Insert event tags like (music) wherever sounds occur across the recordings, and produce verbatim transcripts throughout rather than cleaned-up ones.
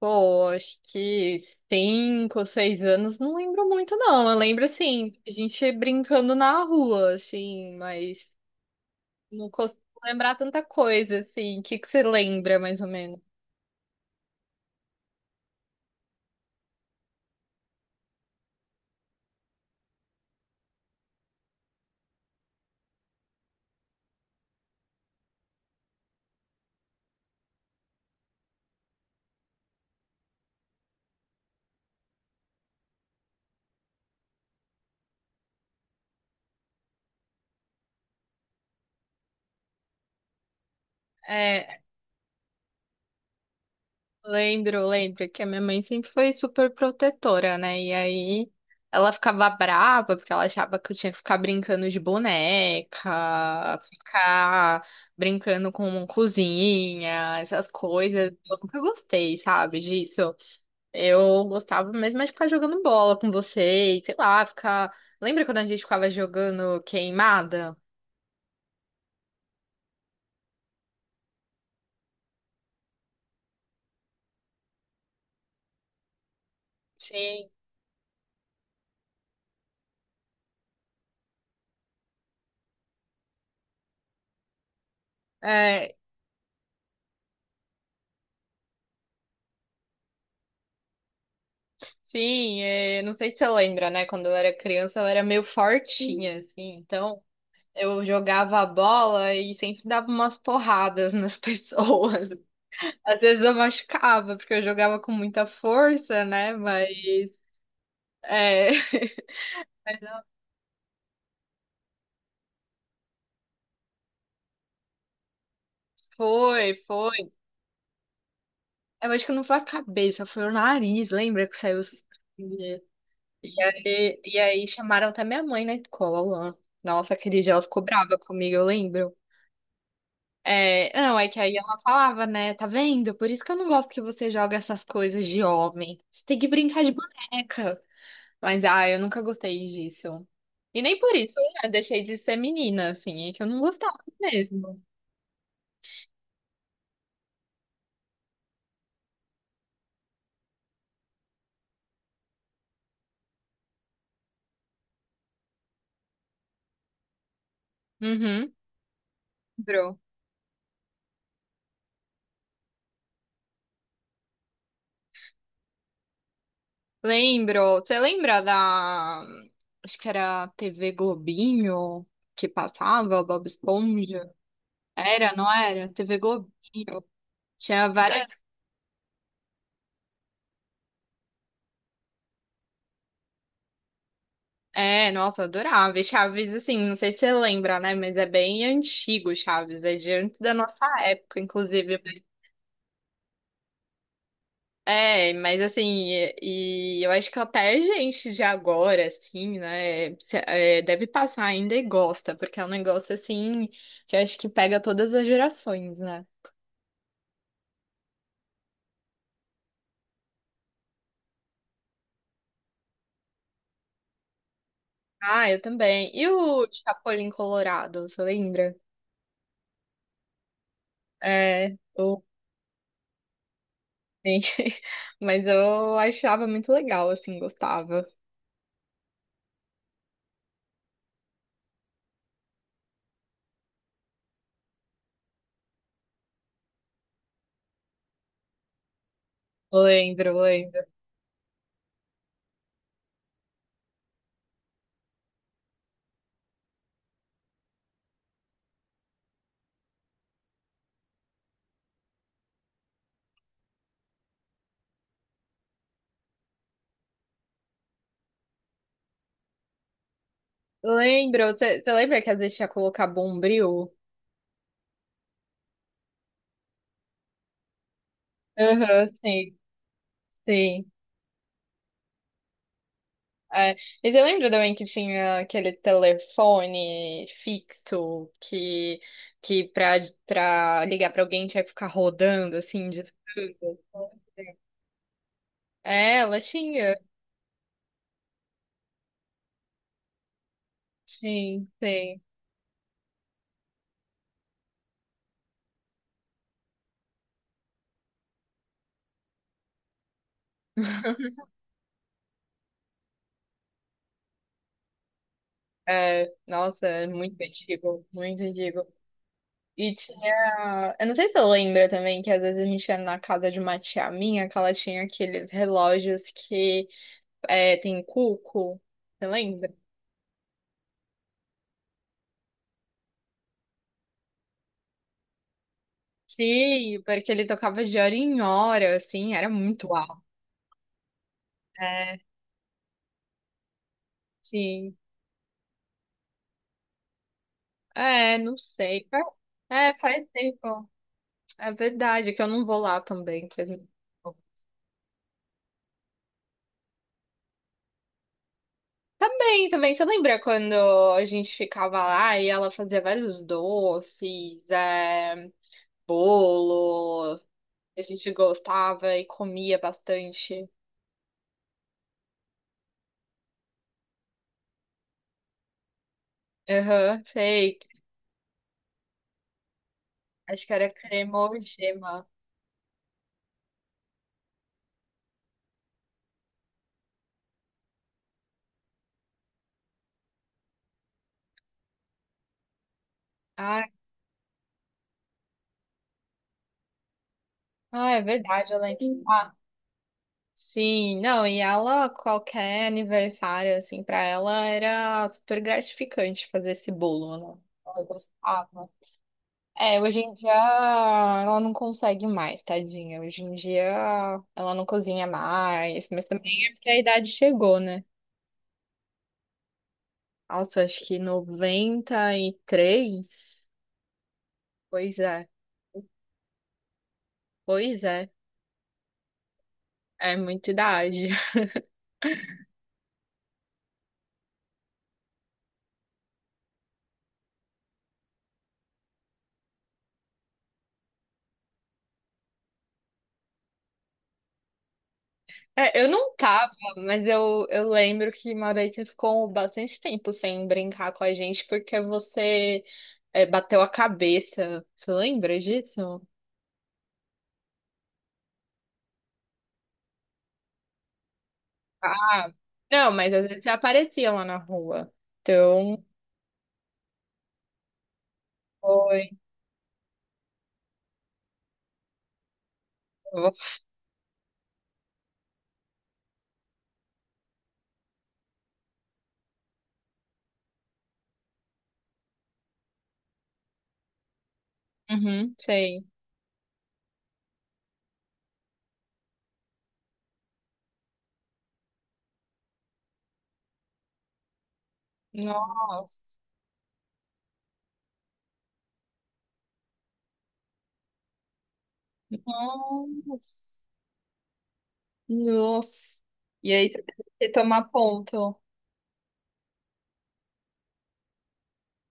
Pô, acho que cinco ou seis anos, não lembro muito, não. Eu lembro, assim, a gente brincando na rua, assim, mas não costumo lembrar tanta coisa, assim. O que que você lembra, mais ou menos? É, lembro, lembro que a minha mãe sempre foi super protetora, né? E aí ela ficava brava porque ela achava que eu tinha que ficar brincando de boneca, ficar brincando com cozinha, essas coisas. Eu nunca gostei, sabe, disso. Eu gostava mesmo mais de ficar jogando bola com você, e sei lá, ficar. Lembra quando a gente ficava jogando queimada? Sim. É, sim, é, não sei se você lembra, né? Quando eu era criança, eu era meio fortinha, assim, então eu jogava a bola e sempre dava umas porradas nas (laughs) pessoas. Às vezes eu machucava, porque eu jogava com muita força, né? Mas. É, (laughs) foi, foi. Eu acho que não foi a cabeça, foi o nariz, lembra que saiu. os- E aí, e aí chamaram até minha mãe na escola lá. Nossa, aquele dia ela ficou brava comigo, eu lembro. É, não, é que aí ela falava, né? Tá vendo? Por isso que eu não gosto que você joga essas coisas de homem. Você tem que brincar de boneca. Mas, ah, eu nunca gostei disso. E nem por isso, né? Deixei de ser menina, assim. É que eu não gostava mesmo. Uhum, lembro. Lembro. Você lembra da... Acho que era T V Globinho, que passava, Bob Esponja. Era, não era? T V Globinho. Tinha várias. É, nossa, eu adorava. E Chaves, assim, não sei se você lembra, né? Mas é bem antigo, Chaves. É de antes da nossa época, inclusive. É, mas assim, e, e eu acho que até gente de agora, assim, né? se- é, deve passar ainda e gosta, porque é um negócio, assim, que eu acho que pega todas as gerações, né? Ah, eu também. E o Chapolin Colorado, você lembra? É. o Sim. (laughs) Mas eu achava muito legal, assim, gostava. Lembro, lembro. Lembro, você lembra que às vezes tinha que colocar Bombril? Aham, sim, sim. É. E você lembra também que tinha aquele telefone fixo que, que pra, pra ligar pra alguém tinha que ficar rodando, assim, de tudo? É, ela tinha. Sim, sim. É, nossa, é muito antigo, muito antigo. E tinha. Eu não sei se você lembra também que às vezes a gente ia na casa de uma tia minha, que ela tinha aqueles relógios que é, tem cuco. Você lembra? Sim, porque ele tocava de hora em hora, assim, era muito alto. É, sim. É, não sei. É, faz tempo. É verdade, que eu não vou lá também. Faz muito tempo. Também, também. Você lembra quando a gente ficava lá e ela fazia vários doces, é, bolo? A gente gostava e comia bastante. Aham, sei. Acho que era cremogema. Ah, ah, é verdade, eu lembro. Ah, sim. Não, e ela, qualquer aniversário, assim, pra ela era super gratificante fazer esse bolo, né? Ela gostava. É, hoje em dia ela não consegue mais, tadinha. Hoje em dia ela não cozinha mais, mas também é porque a idade chegou, né? Nossa, acho que noventa e três. Pois é. Pois é, é muita idade. (laughs) É, eu não tava, mas eu, eu lembro que uma vez você ficou bastante tempo sem brincar com a gente porque você é, bateu a cabeça. Você lembra disso? Ah, não, mas às vezes você aparecia lá na rua. Então, foi. Uhum, sei. Nossa, nossa. E aí você tomar ponto.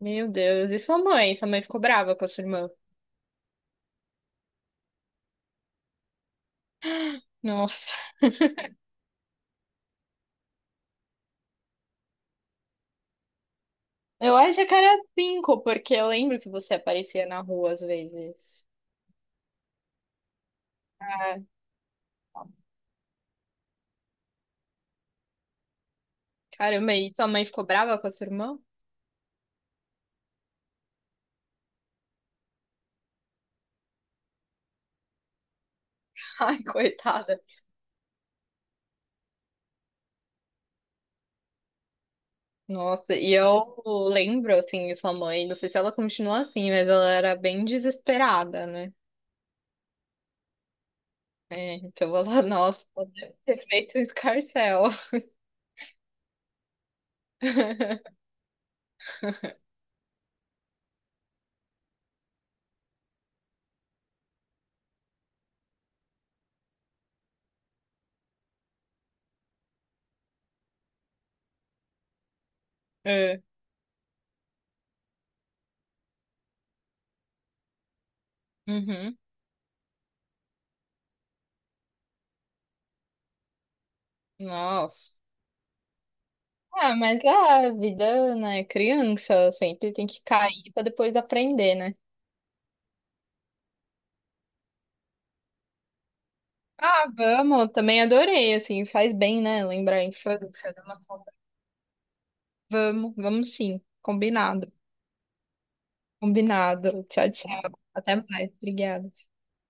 Meu Deus, e sua mãe? Sua mãe ficou brava com a sua irmã? Nossa. Eu acho que era cinco, porque eu lembro que você aparecia na rua às vezes. Ah, caramba, e sua mãe ficou brava com a sua irmã? (laughs) Ai, coitada. Nossa, e eu lembro, assim, sua mãe, não sei se ela continua assim, mas ela era bem desesperada, né? É, então ela, (laughs) nossa, ela deve ter feito um escarcéu. (laughs) É. Uhum. Nossa. Ah, mas a vida, né, criança, sempre tem que cair pra depois aprender, né? Ah, vamos, também adorei, assim, faz bem, né? Lembrar a infância, dar uma volta. Vamos, vamos sim, combinado, combinado. Tchau, tchau. Até mais, obrigada.